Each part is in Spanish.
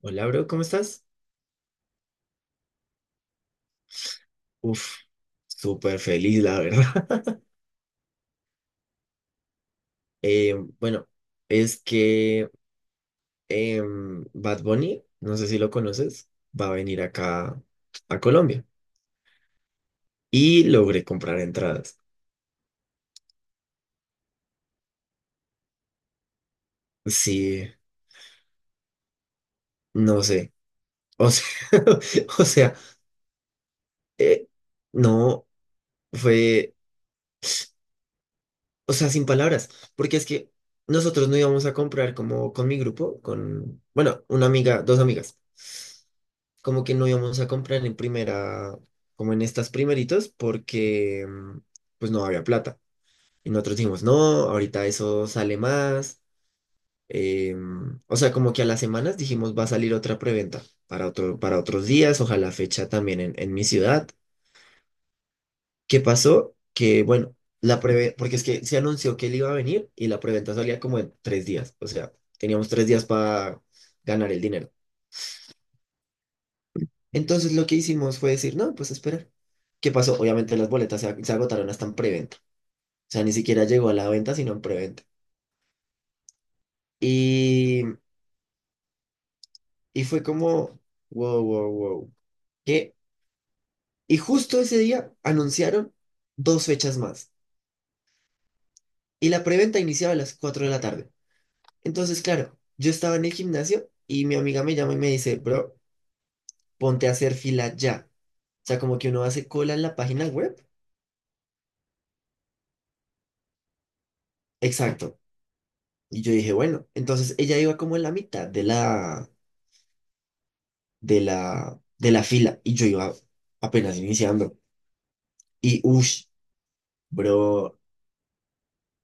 Hola, bro, ¿cómo estás? Uf, súper feliz, la verdad. Eh, bueno, es que Bad Bunny, no sé si lo conoces, va a venir acá a Colombia. Y logré comprar entradas. Sí, no sé. O sea, o sea, eh, no fue, o sea, sin palabras, porque es que nosotros no íbamos a comprar como con mi grupo, con, bueno, una amiga, dos amigas. Como que no íbamos a comprar en primera, como en estas primeritos, porque pues no había plata. Y nosotros dijimos, no, ahorita eso sale más. O sea, como que a las semanas dijimos, va a salir otra preventa para otros días, ojalá fecha también en mi ciudad. ¿Qué pasó? Que bueno, porque es que se anunció que él iba a venir y la preventa salía como en 3 días. O sea, teníamos 3 días para ganar el dinero. Entonces lo que hicimos fue decir, no, pues esperar. ¿Qué pasó? Obviamente las boletas se agotaron hasta en preventa. O sea, ni siquiera llegó a la venta, sino en preventa. Y, y fue como, wow, wow, wow. ¿Qué? Y justo ese día anunciaron dos fechas más. Y la preventa iniciaba a las 4 de la tarde. Entonces, claro, yo estaba en el gimnasio y mi amiga me llama y me dice, bro, ponte a hacer fila ya. O sea, como que uno hace cola en la página web. Exacto. Y yo dije, bueno, entonces ella iba como en la mitad de la, de la fila y yo iba apenas iniciando. Y uff, bro,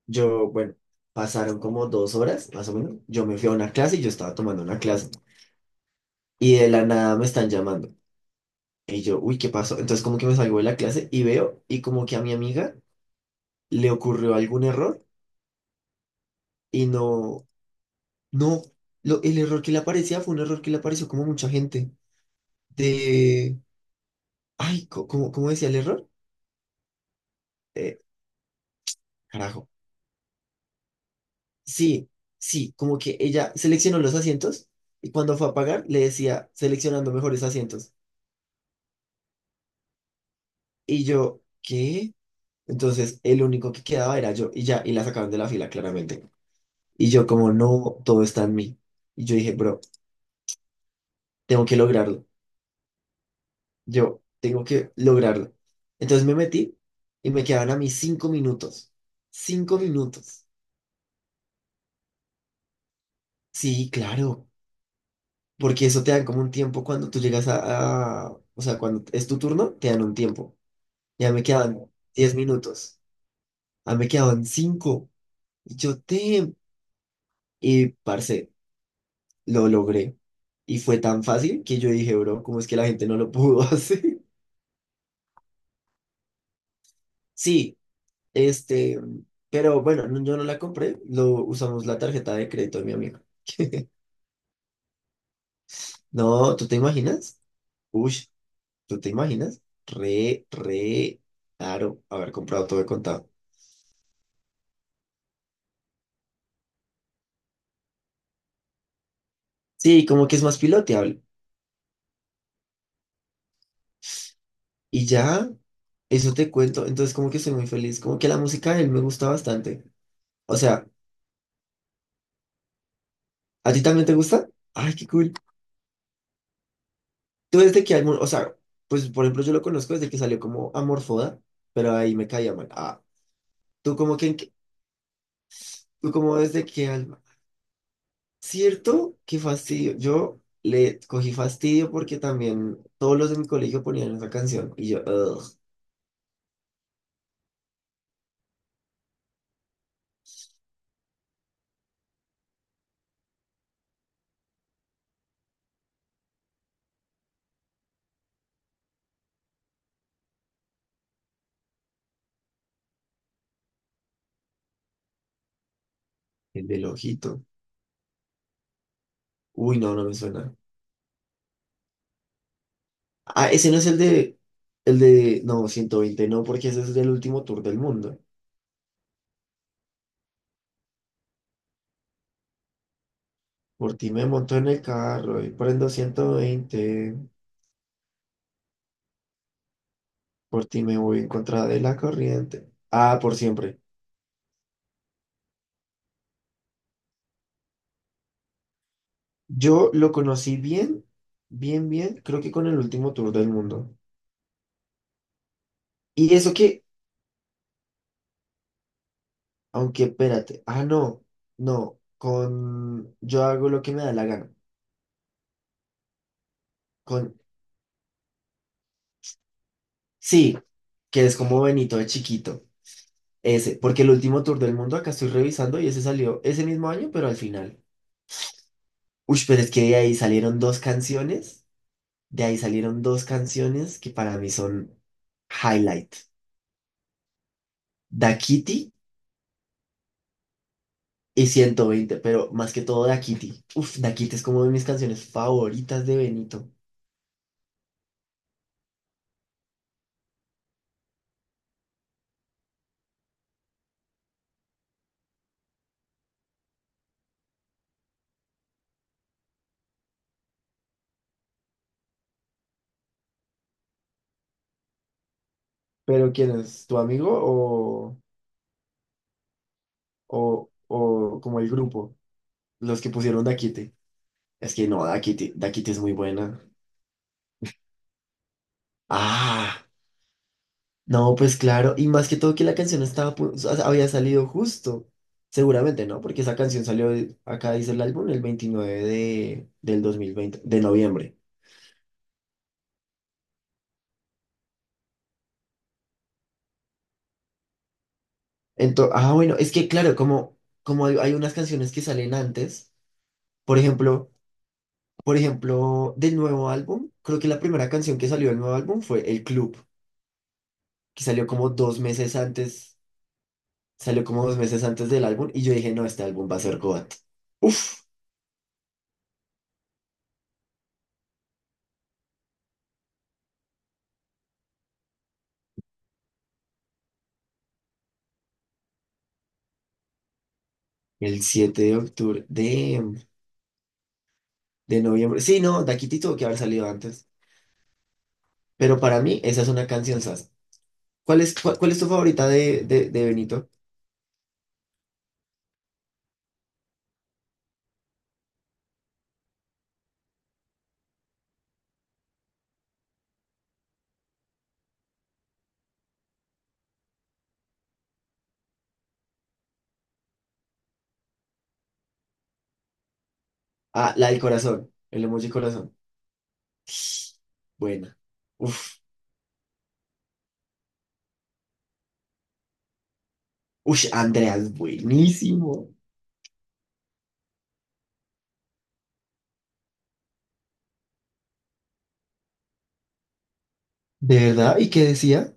yo, bueno, pasaron como 2 horas más o menos. Yo me fui a una clase y yo estaba tomando una clase y de la nada me están llamando. Y yo, uy, ¿qué pasó? Entonces como que me salgo de la clase y veo y como que a mi amiga le ocurrió algún error y no, no, lo, el error que le aparecía fue un error que le apareció como a mucha gente de, ay, ¿cómo decía el error? Eh, carajo. Sí, sí, como que ella seleccionó los asientos y cuando fue a pagar le decía seleccionando mejores asientos. Y yo, ¿qué? Entonces el único que quedaba era yo y ya, y la sacaron de la fila claramente. Y yo como, no, todo está en mí. Y yo dije, bro, tengo que lograrlo. Yo tengo que lograrlo. Entonces me metí y me quedaban a mí 5 minutos. 5 minutos. Sí, claro, porque eso te dan como un tiempo cuando tú llegas o sea, cuando es tu turno, te dan un tiempo. Ya me quedan 10 minutos. Ya me quedaban cinco. Y yo, te... Y, parce, lo logré. Y fue tan fácil que yo dije, bro, ¿cómo es que la gente no lo pudo hacer? Sí, este... Pero bueno, yo no la compré. Lo usamos la tarjeta de crédito de mi amigo. No, ¿tú te imaginas? Uy, ¿tú te imaginas? Re, re... Claro, haber comprado todo de contado. Sí, como que es más piloteable. Y ya, eso te cuento. Entonces, como que soy muy feliz. Como que la música de él me gusta bastante. O sea, ¿a ti también te gusta? Ay, qué cool. Tú desde que álbum, o sea, pues por ejemplo, yo lo conozco desde que salió como Amorfoda, pero ahí me caía mal. Ah, tú como que, tú como desde qué alma. ¿Cierto? Qué fastidio. Yo le cogí fastidio porque también todos los de mi colegio ponían esa canción. Y yo, "Ugh, el del ojito. Uy, no, no me suena. Ah, ese no es no, 120 no, porque ese es del último tour del mundo. Por ti me monto en el carro y prendo 120. Por ti me voy en contra de la corriente. Ah, por siempre. Yo lo conocí bien, bien, bien, creo que con el último tour del mundo. Y eso que, aunque espérate, ah, no, yo hago lo que me da la gana. Con, sí, que es como Benito de chiquito. Ese, porque el último tour del mundo acá estoy revisando y ese salió ese mismo año, pero al final. Uy, pero es que de ahí salieron dos canciones, de ahí salieron dos canciones que para mí son highlight. Da Kitty y 120, pero más que todo Da Kitty. Uf, Da Kitty es como de mis canciones favoritas de Benito. ¿Pero quién es? ¿Tu amigo o como el grupo? Los que pusieron Da Kitty. Es que no, Da Kitty, Da Kitty es muy buena. Ah. No, pues claro, y más que todo que la canción estaba, o sea, había salido justo, seguramente, ¿no? Porque esa canción salió, acá dice el álbum, el 29 de, del 2020 de noviembre. Entonces, ah, bueno, es que claro, como, como hay unas canciones que salen antes, por ejemplo, por ejemplo, del nuevo álbum, creo que la primera canción que salió del nuevo álbum fue El Club, que salió como 2 meses antes, salió como 2 meses antes del álbum, y yo dije, no, este álbum va a ser GOAT. Uf, el 7 de octubre de... De noviembre. Sí, no, Daquiti tuvo que haber salido antes. Pero para mí, esa es una canción sas. ¿Cuál es tu favorita de, de Benito? Ah, la del corazón. El emoji corazón. Buena. Uf. Ush, Andreas, buenísimo. ¿De verdad? ¿Y qué decía?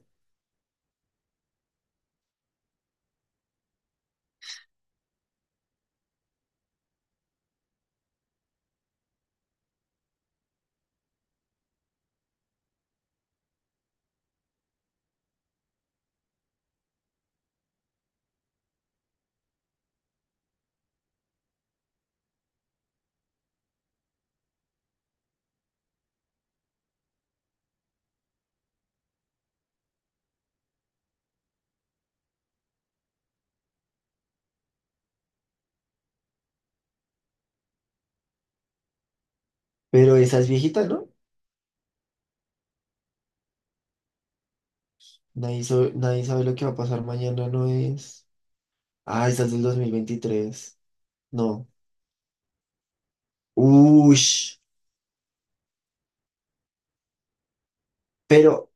Pero esa es viejita, ¿no? Nadie, nadie sabe lo que va a pasar mañana, ¿no es? Ah, esa es del 2023. No. Ush. Pero,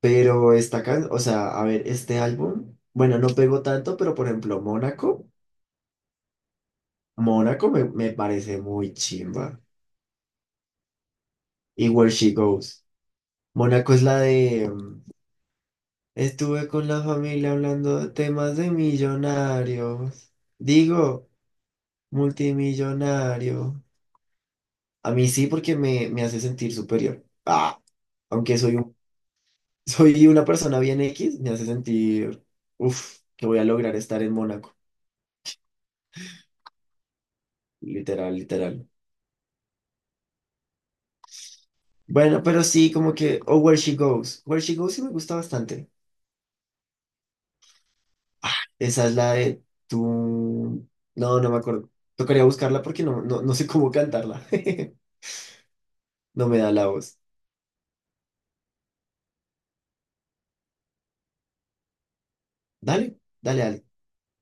pero esta can, o sea, a ver, este álbum, bueno, no pegó tanto, pero por ejemplo, Mónaco. Mónaco me parece muy chimba. Y Where She Goes. Mónaco es la de... Estuve con la familia hablando de temas de millonarios. Digo, multimillonario. A mí sí porque me hace sentir superior. Ah, aunque soy un, soy una persona bien X, me hace sentir... uff, que voy a lograr estar en Mónaco. Literal, literal. Bueno, pero sí, como que... O Where She Goes. Where She Goes sí me gusta bastante. Esa es la de tú. No, no me acuerdo. Tocaría buscarla porque no, no sé cómo cantarla. No me da la voz. Dale, dale, dale.